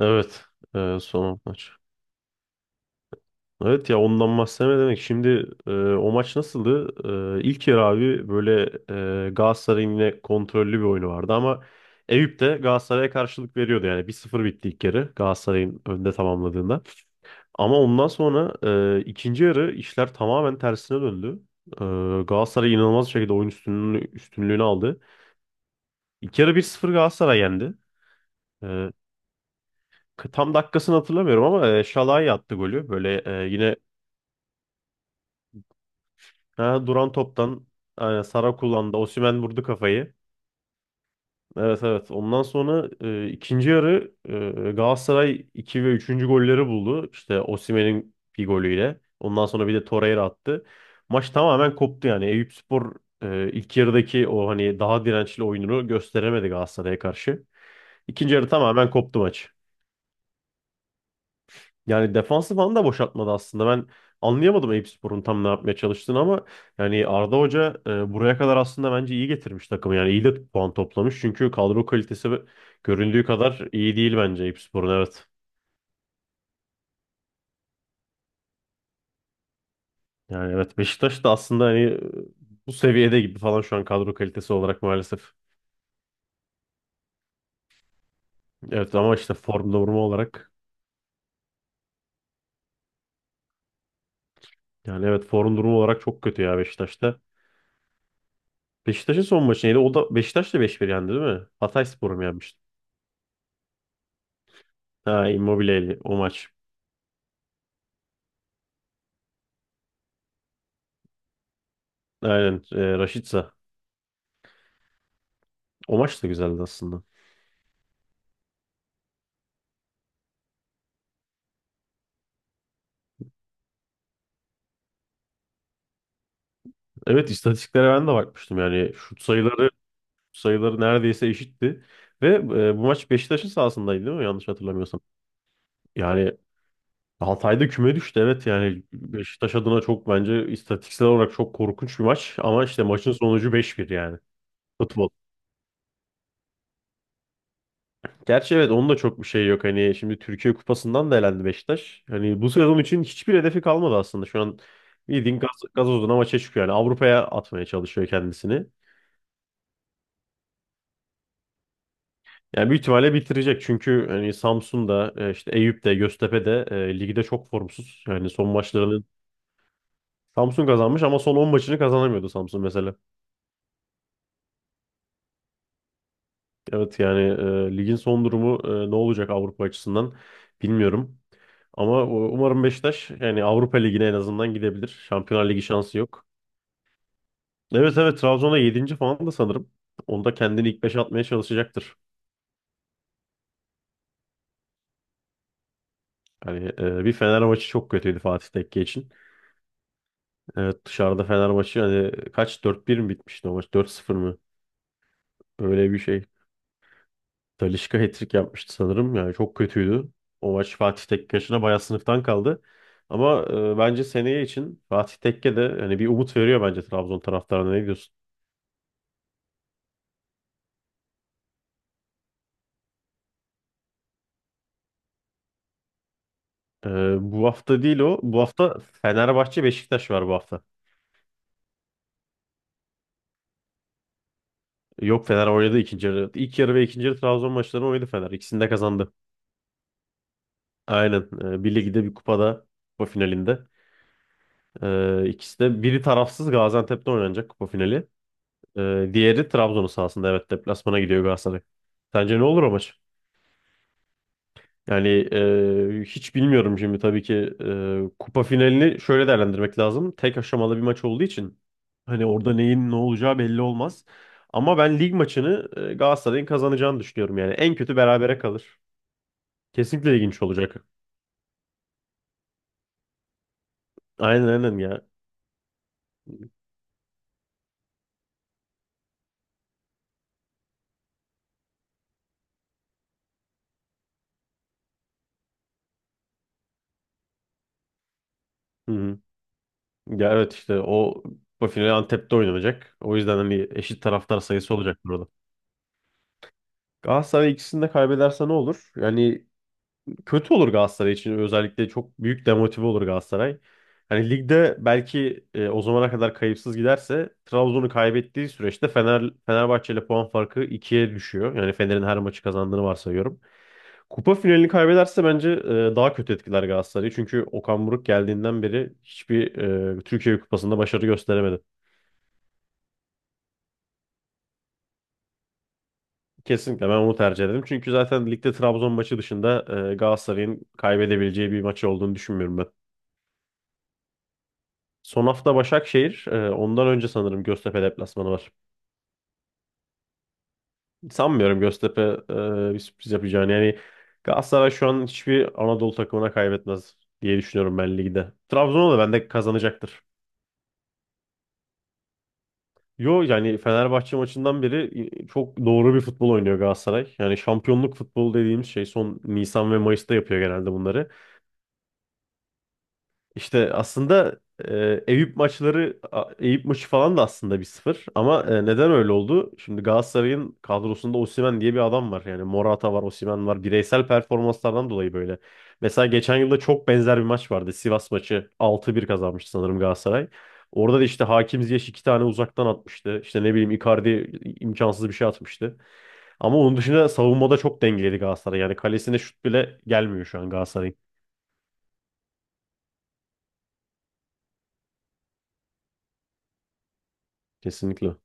Evet. Son maç. Evet ya ondan bahsetme demek. Şimdi o maç nasıldı? İlk yarı abi böyle Galatasaray'ın yine kontrollü bir oyunu vardı ama Eyüp de Galatasaray'a karşılık veriyordu. Yani 1-0 bitti ilk yarı Galatasaray'ın önde tamamladığında. Ama ondan sonra ikinci yarı işler tamamen tersine döndü. E, Galatasaray inanılmaz bir şekilde oyun üstünlüğünü aldı. İlk yarı 1-0 Galatasaray yendi. E, Tam dakikasını hatırlamıyorum ama Şalay attı golü. Böyle yine. Ha, duran toptan aynen Sara kullandı. Osimhen vurdu kafayı. Evet, evet. Ondan sonra ikinci yarı Galatasaray 2 ve üçüncü golleri buldu. İşte Osimhen'in bir golüyle. Ondan sonra bir de Torreira attı. Maç tamamen koptu yani. Eyüpspor ilk yarıdaki o hani daha dirençli oyununu gösteremedi Galatasaray'a karşı. İkinci yarı tamamen koptu maç. Yani defansı falan da boşaltmadı aslında. Ben anlayamadım Eyüpspor'un tam ne yapmaya çalıştığını ama yani Arda Hoca buraya kadar aslında bence iyi getirmiş takımı. Yani iyi de puan toplamış. Çünkü kadro kalitesi göründüğü kadar iyi değil bence Eyüpspor'un, evet. Yani evet, Beşiktaş da aslında hani bu seviyede gibi falan şu an, kadro kalitesi olarak maalesef. Evet ama işte form durumu olarak, yani evet form durumu olarak çok kötü ya Beşiktaş'ta. Beşiktaş'ın son maçı neydi? O da Beşiktaş da 5-1 yendi değil mi? Hatayspor'u mu yenmişti? Ha, Immobile o maç. Aynen. E, Rashica. O maç da güzeldi aslında. Evet, istatistiklere ben de bakmıştım. Yani şut sayıları neredeyse eşitti. Ve bu maç Beşiktaş'ın sahasındaydı değil mi? Yanlış hatırlamıyorsam. Yani Altay'da küme düştü. Evet, yani Beşiktaş adına çok bence istatistiksel olarak çok korkunç bir maç. Ama işte maçın sonucu 5-1 yani. Futbol. Gerçi evet, onun da çok bir şey yok. Hani şimdi Türkiye Kupası'ndan da elendi Beşiktaş. Hani bu sezon için hiçbir hedefi kalmadı aslında. Şu an bildiğin gazozuna maça çıkıyor. Yani Avrupa'ya atmaya çalışıyor kendisini. Yani büyük ihtimalle bitirecek çünkü hani Samsun'da işte Eyüp'te, Göztepe'de ligde çok formsuz. Yani son maçlarını Samsun kazanmış ama son 10 maçını kazanamıyordu Samsun mesela. Evet yani ligin son durumu ne olacak Avrupa açısından bilmiyorum. Ama umarım Beşiktaş yani Avrupa Ligi'ne en azından gidebilir. Şampiyonlar Ligi şansı yok. Evet, evet, Trabzon'a 7. falan da sanırım. Onda kendini ilk 5'e atmaya çalışacaktır. Yani bir Fener maçı çok kötüydü Fatih Tekke için. Evet, dışarıda Fenerbahçe hani kaç, dört 1 mi bitmişti o maç, 4-0 mı? Böyle bir şey. Talisca hat-trick yapmıştı sanırım, yani çok kötüydü. O maç Fatih Tekke'ye bayağı sınıftan kaldı. Ama bence seneye için Fatih Tekke de hani bir umut veriyor bence Trabzon taraftarına, ne diyorsun? E, Bu hafta değil o. Bu hafta Fenerbahçe Beşiktaş var bu hafta. Yok, Fener oynadı ikinci yarı. İlk yarı ve ikinci yarı Trabzon maçlarını oynadı Fener. İkisini de kazandı. Aynen. Bir ligde, bir kupada, kupa finalinde. İkisi de, biri tarafsız Gaziantep'te oynanacak kupa finali. Diğeri Trabzon'un sahasında, evet, deplasmana gidiyor Galatasaray. Sence ne olur o maç? Yani hiç bilmiyorum şimdi, tabii ki kupa finalini şöyle değerlendirmek lazım. Tek aşamalı bir maç olduğu için hani orada neyin ne olacağı belli olmaz. Ama ben lig maçını Galatasaray'ın kazanacağını düşünüyorum yani. En kötü berabere kalır. Kesinlikle ilginç olacak. Aynen, aynen ya. Hı hı. Ya evet, işte o bu final Antep'te oynanacak. O yüzden hani eşit taraftar sayısı olacak burada. Galatasaray ikisini de kaybederse ne olur? Yani kötü olur Galatasaray için. Özellikle çok büyük demotive olur Galatasaray. Hani ligde belki o zamana kadar kayıpsız giderse, Trabzon'u kaybettiği süreçte Fenerbahçe ile puan farkı ikiye düşüyor. Yani Fener'in her maçı kazandığını varsayıyorum. Kupa finalini kaybederse bence daha kötü etkiler Galatasaray'ı. Çünkü Okan Buruk geldiğinden beri hiçbir Türkiye Kupası'nda başarı gösteremedi. Kesinlikle ben onu tercih ederim. Çünkü zaten ligde Trabzon maçı dışında Galatasaray'ın kaybedebileceği bir maçı olduğunu düşünmüyorum ben. Son hafta Başakşehir. Ondan önce sanırım Göztepe deplasmanı var. Sanmıyorum Göztepe bir sürpriz yapacağını. Yani Galatasaray şu an hiçbir Anadolu takımına kaybetmez diye düşünüyorum ben ligde. Trabzon'a da bende kazanacaktır. Yo, yani Fenerbahçe maçından beri çok doğru bir futbol oynuyor Galatasaray. Yani şampiyonluk futbolu dediğimiz şey son, Nisan ve Mayıs'ta yapıyor genelde bunları. İşte aslında Eyüp maçı falan da aslında 1-0 ama neden öyle oldu? Şimdi Galatasaray'ın kadrosunda Osimhen diye bir adam var. Yani Morata var, Osimhen var. Bireysel performanslardan dolayı böyle. Mesela geçen yılda çok benzer bir maç vardı. Sivas maçı 6-1 kazanmıştı sanırım Galatasaray. Orada da işte Hakim Ziyech iki tane uzaktan atmıştı. İşte ne bileyim, Icardi imkansız bir şey atmıştı. Ama onun dışında savunmada çok dengeliydi Galatasaray. Yani kalesine şut bile gelmiyor şu an Galatasaray'ın. Kesinlikle.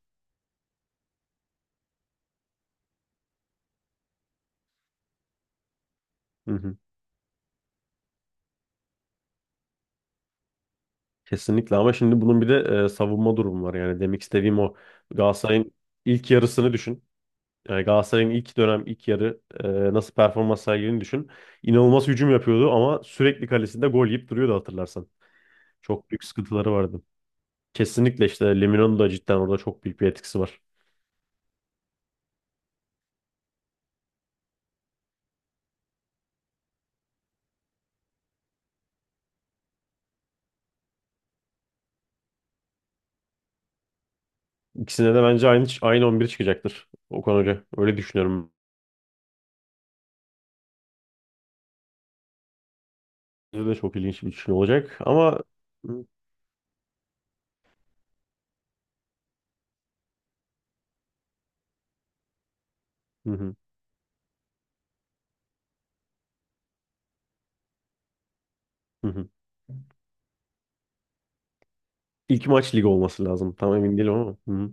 Hı hı. Kesinlikle ama şimdi bunun bir de savunma durumu var. Yani demek istediğim, o Galatasaray'ın ilk yarısını düşün. Yani Galatasaray'ın ilk dönem ilk yarı nasıl performans sergilediğini düşün. İnanılmaz hücum yapıyordu ama sürekli kalesinde gol yiyip duruyordu, hatırlarsan. Çok büyük sıkıntıları vardı. Kesinlikle işte Lemino'nun da cidden orada çok büyük bir etkisi var. İkisine de bence aynı 11 çıkacaktır Okan Hoca. Öyle düşünüyorum. Bence de çok ilginç bir düşünce olacak ama hı hı, hı hı. İlk maç lig olması lazım. Tam emin değilim ama. Hı hı.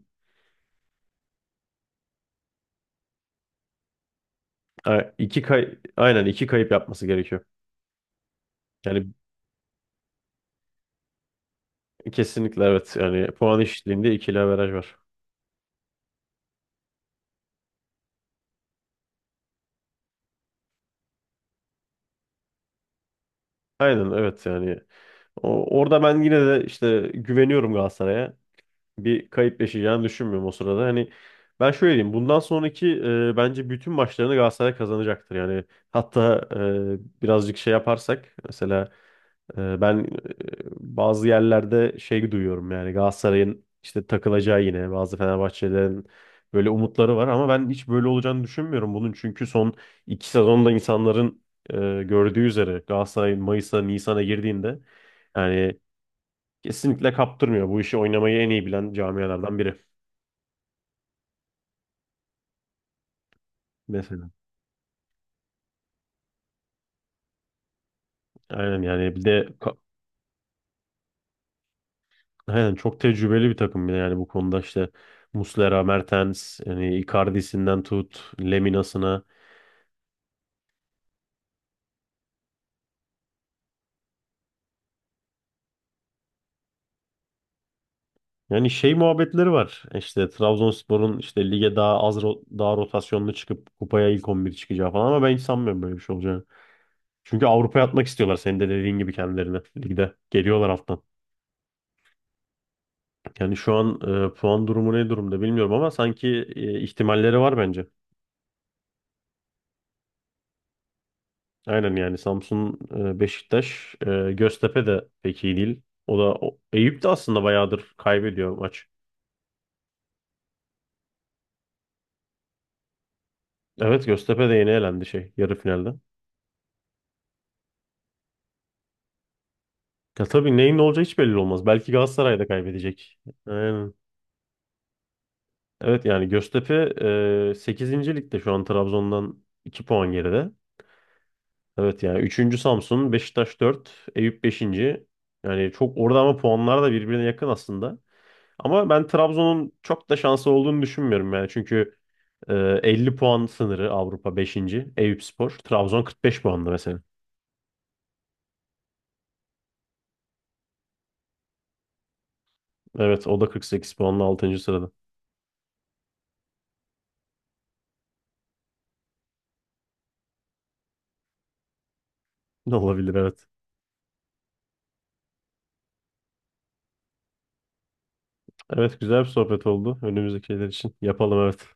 A- İki kay Aynen, iki kayıp yapması gerekiyor. Yani kesinlikle evet. Yani puan eşitliğinde ikili averaj var. Aynen, evet yani. Orada ben yine de işte güveniyorum Galatasaray'a. Bir kayıp yaşayacağını düşünmüyorum o sırada. Hani ben şöyle diyeyim: bundan sonraki bence bütün maçlarını Galatasaray kazanacaktır. Yani hatta birazcık şey yaparsak, mesela e, ben e, bazı yerlerde şey duyuyorum, yani Galatasaray'ın işte takılacağı yine, bazı Fenerbahçelerin böyle umutları var ama ben hiç böyle olacağını düşünmüyorum bunun. Çünkü son 2 sezonda insanların e, gördüğü üzere Galatasaray Mayıs'a, Nisan'a girdiğinde, yani kesinlikle kaptırmıyor. Bu işi oynamayı en iyi bilen camialardan biri. Mesela. Aynen yani, bir de ka- aynen, çok tecrübeli bir takım, bir de yani bu konuda işte Muslera, Mertens, yani Icardi'sinden tut, Lemina'sına. Yani şey muhabbetleri var. İşte Trabzonspor'un işte lige daha az daha rotasyonlu çıkıp kupaya ilk 11 çıkacağı falan ama ben hiç sanmıyorum böyle bir şey olacağını. Çünkü Avrupa'ya atmak istiyorlar, senin de dediğin gibi kendilerine ligde. Geliyorlar alttan. Yani şu an puan durumu ne durumda bilmiyorum ama sanki ihtimalleri var bence. Aynen yani Samsun, Beşiktaş, Göztepe de pek iyi değil. O da Eyüp de aslında bayağıdır kaybediyor maç. Evet, Göztepe de yeni elendi şey, yarı finalde. Ya tabii, neyin ne olacağı hiç belli olmaz. Belki Galatasaray da kaybedecek. Aynen. Evet, yani Göztepe 8. ligde şu an Trabzon'dan 2 puan geride. Evet yani üçüncü Samsun, Beşiktaş dört, Eyüp beşinci. Yani çok orada ama puanlar da birbirine yakın aslında. Ama ben Trabzon'un çok da şansı olduğunu düşünmüyorum yani. Çünkü 50 puan sınırı Avrupa 5. Eyüpspor. Trabzon 45 puanlı mesela. Evet o da 48 puanla 6. sırada. Ne olabilir, evet. Evet, güzel bir sohbet oldu önümüzdeki şeyler için. Yapalım, evet.